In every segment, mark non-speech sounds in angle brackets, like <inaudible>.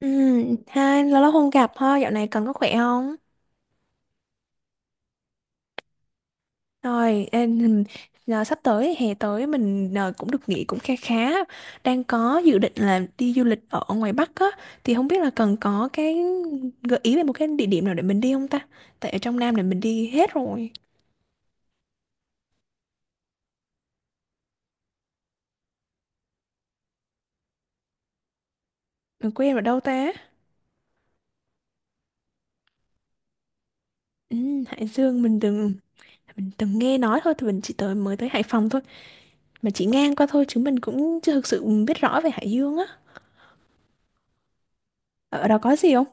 Ừ, hai lâu lắm không gặp ha, dạo này cần có khỏe không? Rồi, ê, giờ sắp tới hè tới mình cũng được nghỉ cũng kha khá, đang có dự định là đi du lịch ở ngoài Bắc á, thì không biết là cần có cái gợi ý về một cái địa điểm nào để mình đi không ta? Tại ở trong Nam này mình đi hết rồi, mình quên ở đâu ta? Ừ, Hải Dương mình từng nghe nói thôi, thì mình chỉ tới mới tới Hải Phòng thôi, mà chỉ ngang qua thôi chứ mình cũng chưa thực sự biết rõ về Hải Dương á. Ở đó có gì không?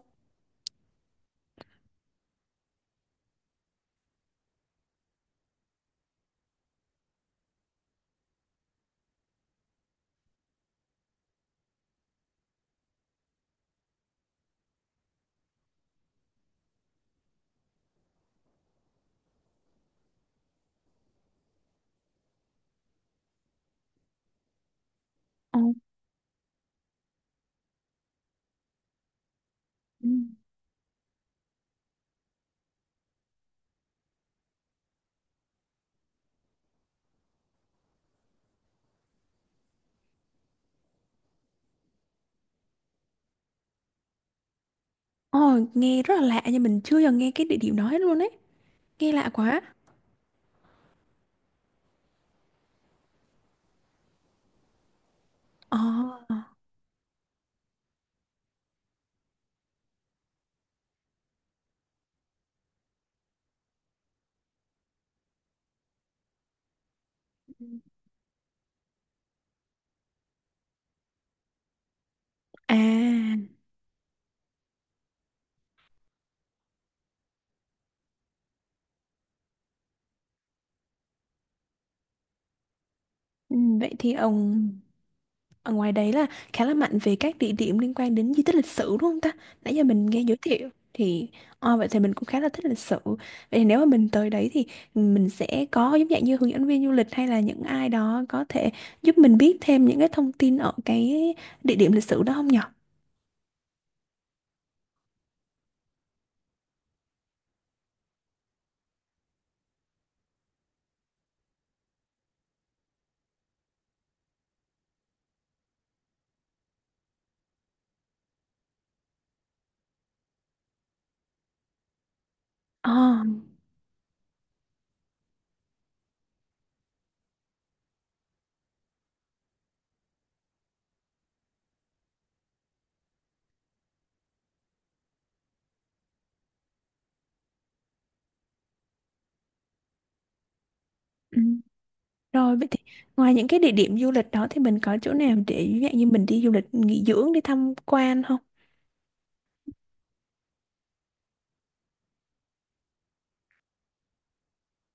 Ờ, ừ. Ồ, nghe rất là lạ nhưng mình chưa giờ nghe cái địa điểm đó hết luôn ấy. Nghe lạ quá. Ồ, à, ừ, vậy thì ông ở ngoài đấy là khá là mạnh về các địa điểm liên quan đến di tích lịch sử đúng không ta? Nãy giờ mình nghe giới thiệu thì ồ, vậy thì mình cũng khá là thích lịch sử. Vậy thì nếu mà mình tới đấy thì mình sẽ có giống dạng như hướng dẫn viên du lịch hay là những ai đó có thể giúp mình biết thêm những cái thông tin ở cái địa điểm lịch sử đó không nhở? Ồ. Rồi vậy thì ngoài những cái địa điểm du lịch đó thì mình có chỗ nào để ví dụ như mình đi du lịch nghỉ dưỡng đi tham quan không?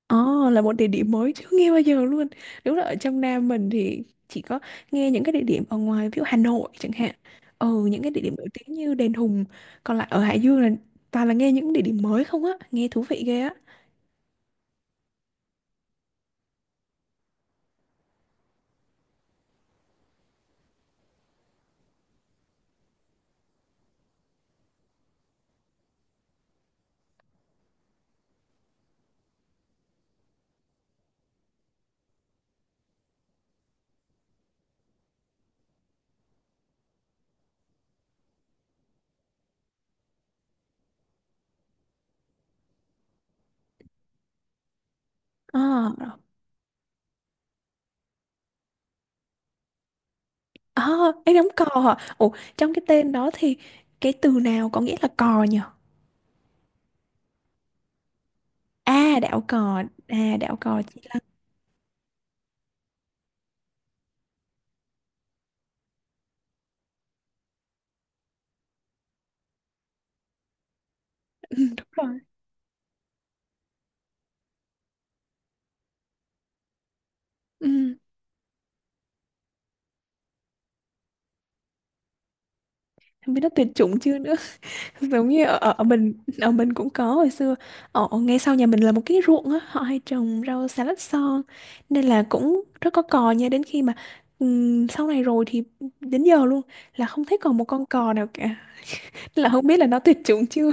Ồ, là một địa điểm mới chưa nghe bao giờ luôn. Đúng là ở trong Nam mình thì chỉ có nghe những cái địa điểm ở ngoài ví dụ Hà Nội chẳng hạn. Ừ, những cái địa điểm nổi tiếng như Đền Hùng. Còn lại ở Hải Dương là toàn là nghe những địa điểm mới không á, nghe thú vị ghê á. Ờ, à, em đóng cò hả? Ủa trong cái tên đó thì cái từ nào có nghĩa là cò nhỉ? À đảo cò chỉ là ừ, <laughs> đúng rồi. Ừ. Không biết nó tuyệt chủng chưa nữa. <laughs> Giống như ở, ở ở mình, ở mình cũng có hồi xưa, ở ngay sau nhà mình là một cái ruộng á, họ hay trồng rau xà lách son nên là cũng rất có cò nha, đến khi mà sau này rồi thì đến giờ luôn là không thấy còn một con cò nào cả, là không biết là nó tuyệt chủng chưa.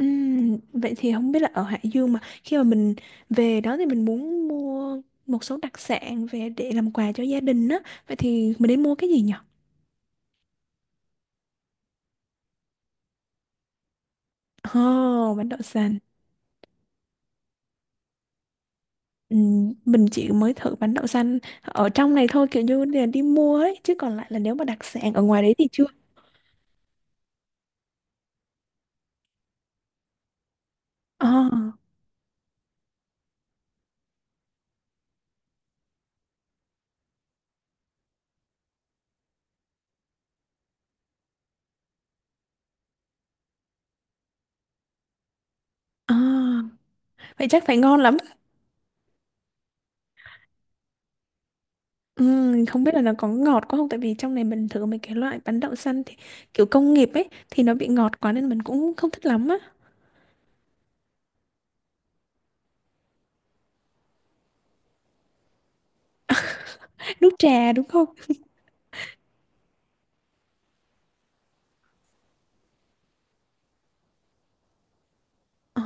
Vậy thì không biết là ở Hải Dương mà khi mà mình về đó thì mình muốn mua một số đặc sản về để làm quà cho gia đình á, vậy thì mình nên mua cái gì nhỉ? Ồ, bánh đậu xanh. Ừ, mình chỉ mới thử bánh đậu xanh ở trong này thôi kiểu như là đi mua ấy, chứ còn lại là nếu mà đặc sản ở ngoài đấy thì chưa. Ờ, ờ, vậy chắc phải ngon lắm. Ừ, không biết là nó có ngọt quá không, tại vì trong này mình thử mấy cái loại bánh đậu xanh thì kiểu công nghiệp ấy thì nó bị ngọt quá nên mình cũng không thích lắm á. Nước trà đúng không? Ờ,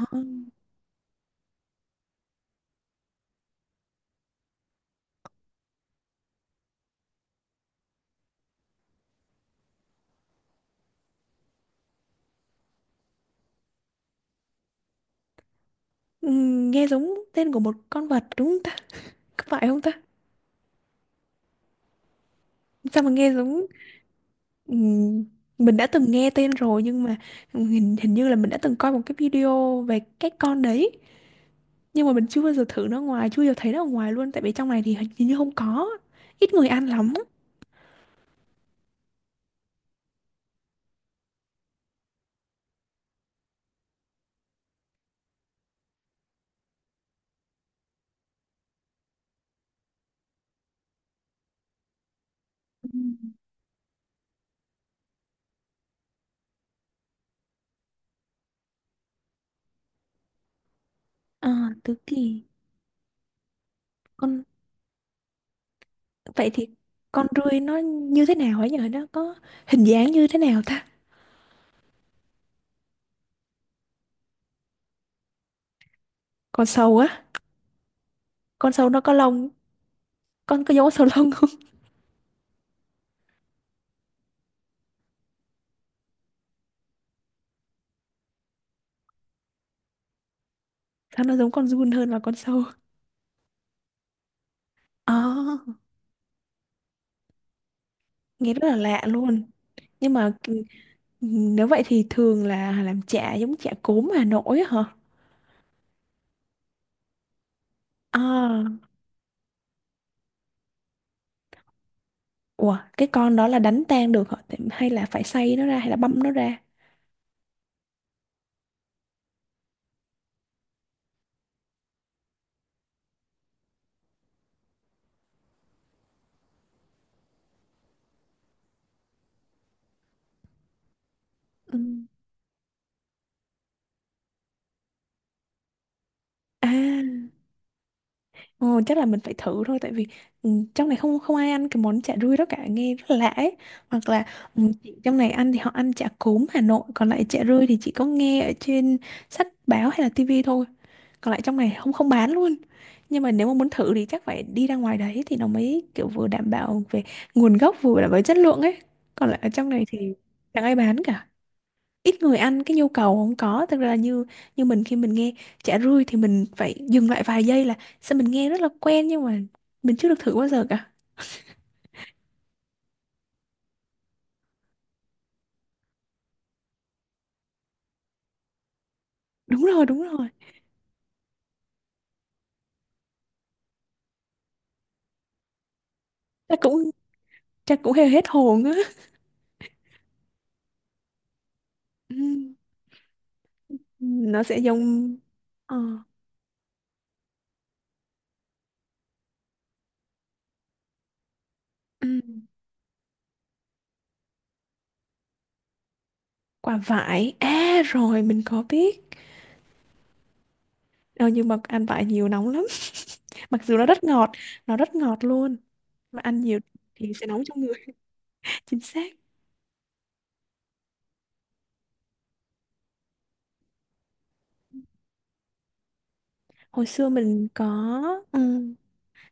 ừ, nghe giống tên của một con vật đúng không ta, có phải không ta? Sao mà nghe giống. Ừm, mình đã từng nghe tên rồi nhưng mà hình như là mình đã từng coi một cái video về cái con đấy, nhưng mà mình chưa bao giờ thử nó ngoài, chưa bao giờ thấy nó ở ngoài luôn, tại vì trong này thì hình như không có, ít người ăn lắm. À, Tứ Kỳ. Con, vậy thì con rươi nó như thế nào ấy nhỉ, nó có hình dáng như thế nào ta? Con sâu á? Con sâu nó có lông, con có giống con sâu lông không? <laughs> Sao nó giống con giun hơn là con sâu. À, nghe rất là lạ luôn. Nhưng mà nếu vậy thì thường là làm chả giống chả cốm Hà Nội á hả? À, ủa cái con đó là đánh tan được hả? Hay là phải xay nó ra hay là băm nó ra? Ừ. À, ồ, chắc là mình phải thử thôi, tại vì ừ, trong này không, không ai ăn cái món chả rươi đó cả, nghe rất là lạ ấy. Hoặc là ừ, chị trong này ăn thì họ ăn chả cốm Hà Nội, còn lại chả rươi thì chỉ có nghe ở trên sách báo hay là tivi thôi, còn lại trong này không, không bán luôn. Nhưng mà nếu mà muốn thử thì chắc phải đi ra ngoài đấy thì nó mới kiểu vừa đảm bảo về nguồn gốc vừa đảm bảo chất lượng ấy, còn lại ở trong này thì chẳng ai bán cả, ít người ăn, cái nhu cầu không có, thực ra là như, như mình khi mình nghe chả rươi thì mình phải dừng lại vài giây là sao mình nghe rất là quen nhưng mà mình chưa được thử bao giờ cả. Đúng rồi, đúng rồi. Chắc cũng, chắc cũng hơi hết hồn á. Ừ, nó sẽ giống ờ, ừ, quả vải à, rồi mình có biết. Ờ, nhưng mà ăn vải nhiều nóng lắm, <laughs> mặc dù nó rất ngọt, nó rất ngọt luôn, mà ăn nhiều thì sẽ nóng trong người. <laughs> Chính xác. Hồi xưa mình có ừm,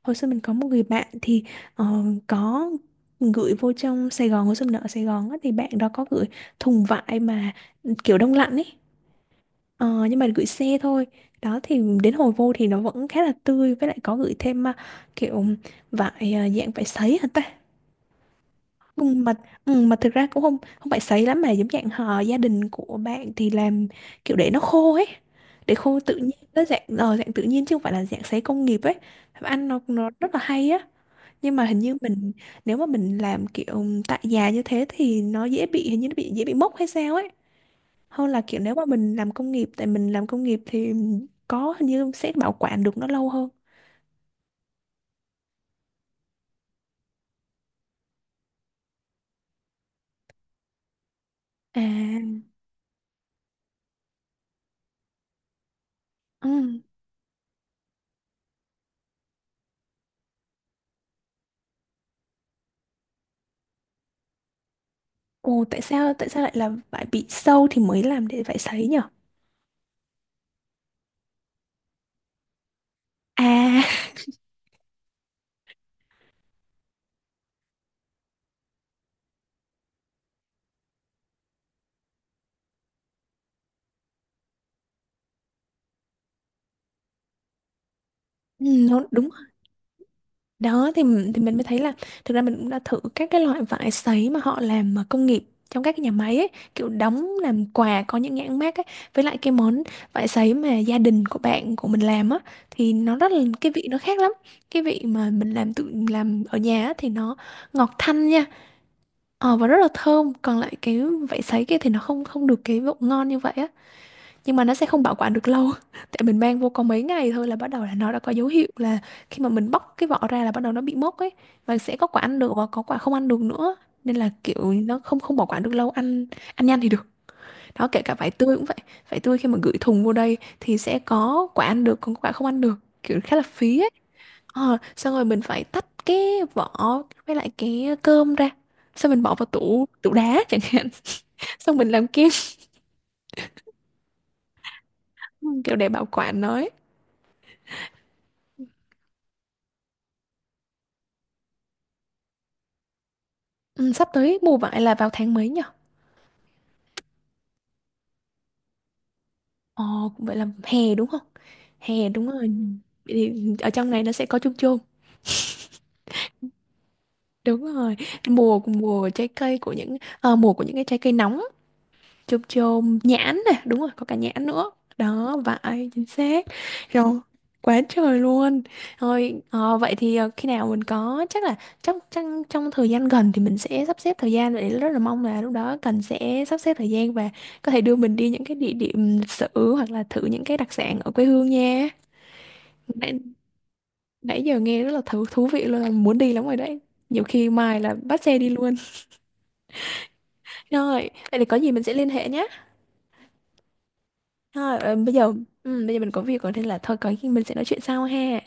hồi xưa mình có một người bạn thì có gửi vô trong Sài Gòn, hồi xưa mình ở Sài Gòn á, thì bạn đó có gửi thùng vải mà ừ, kiểu đông lạnh ấy. Ờ, nhưng mà gửi xe thôi, đó thì đến hồi vô thì nó vẫn khá là tươi, với lại có gửi thêm kiểu vải à, dạng vải sấy hả ta? Ừ, mà ừ, mà thực ra cũng không, không phải sấy lắm mà giống dạng họ gia đình của bạn thì làm kiểu để nó khô ấy, để khô tự nhiên nó dạng dạng tự nhiên chứ không phải là dạng sấy công nghiệp ấy. Ăn nó rất là hay á. Nhưng mà hình như mình, nếu mà mình làm kiểu tại nhà như thế thì nó dễ bị, hình như nó bị dễ bị mốc hay sao ấy, hơn là kiểu nếu mà mình làm công nghiệp, tại mình làm công nghiệp thì có hình như sẽ bảo quản được nó lâu hơn. À, ừ. Ồ, tại sao, tại sao lại là phải bị sâu thì mới làm để phải sấy nhỉ? À, nó đúng rồi. Đó thì thì mình mới thấy là thực ra mình cũng đã thử các cái loại vải sấy mà họ làm mà công nghiệp trong các cái nhà máy ấy, kiểu đóng làm quà có những nhãn mác ấy. Với lại cái món vải sấy mà gia đình của bạn của mình làm á thì nó rất là, cái vị nó khác lắm. Cái vị mà mình làm, tự làm ở nhà á, thì nó ngọt thanh nha. Ờ, và rất là thơm, còn lại cái vải sấy kia thì nó không, không được cái độ ngon như vậy á. Nhưng mà nó sẽ không bảo quản được lâu, <laughs> tại mình mang vô có mấy ngày thôi là bắt đầu là nó đã có dấu hiệu là khi mà mình bóc cái vỏ ra là bắt đầu nó bị mốc ấy, và sẽ có quả ăn được và có quả không ăn được nữa, nên là kiểu nó không, không bảo quản được lâu, ăn, ăn nhanh thì được. Đó kể cả vải tươi cũng vậy, vải tươi khi mà gửi thùng vô đây thì sẽ có quả ăn được còn có quả không ăn được, kiểu khá là phí ấy. Ờ, xong rồi mình phải tách cái vỏ với lại cái cơm ra, xong mình bỏ vào tủ tủ đá chẳng hạn, <laughs> xong mình làm kem, <laughs> kiểu để bảo quản nó ấy. Ừ, sắp tới mùa vải là vào tháng mấy nhỉ? Ờ, cũng vậy là hè đúng không? Hè đúng rồi. Vậy thì ở trong này nó sẽ có chôm chôm. Đúng rồi. Mùa, mùa trái cây của những mùa của những cái trái cây nóng, chôm chôm nhãn nè, đúng rồi có cả nhãn nữa. Đó vải chính xác. Rồi, quá trời luôn. Rồi ờ, vậy thì ờ, khi nào mình có chắc là trong trong trong thời gian gần thì mình sẽ sắp xếp thời gian để, rất là mong là lúc đó cần sẽ sắp xếp thời gian và có thể đưa mình đi những cái địa điểm lịch sử hoặc là thử những cái đặc sản ở quê hương nha. Nãy, nãy giờ nghe rất là thú thú vị luôn, muốn đi lắm rồi đấy, nhiều khi mai là bắt xe đi luôn. Rồi vậy thì có gì mình sẽ liên hệ nhé. Thôi, ờ, bây giờ ừ, bây giờ mình có việc rồi nên là thôi, có khi mình sẽ nói chuyện sau ha.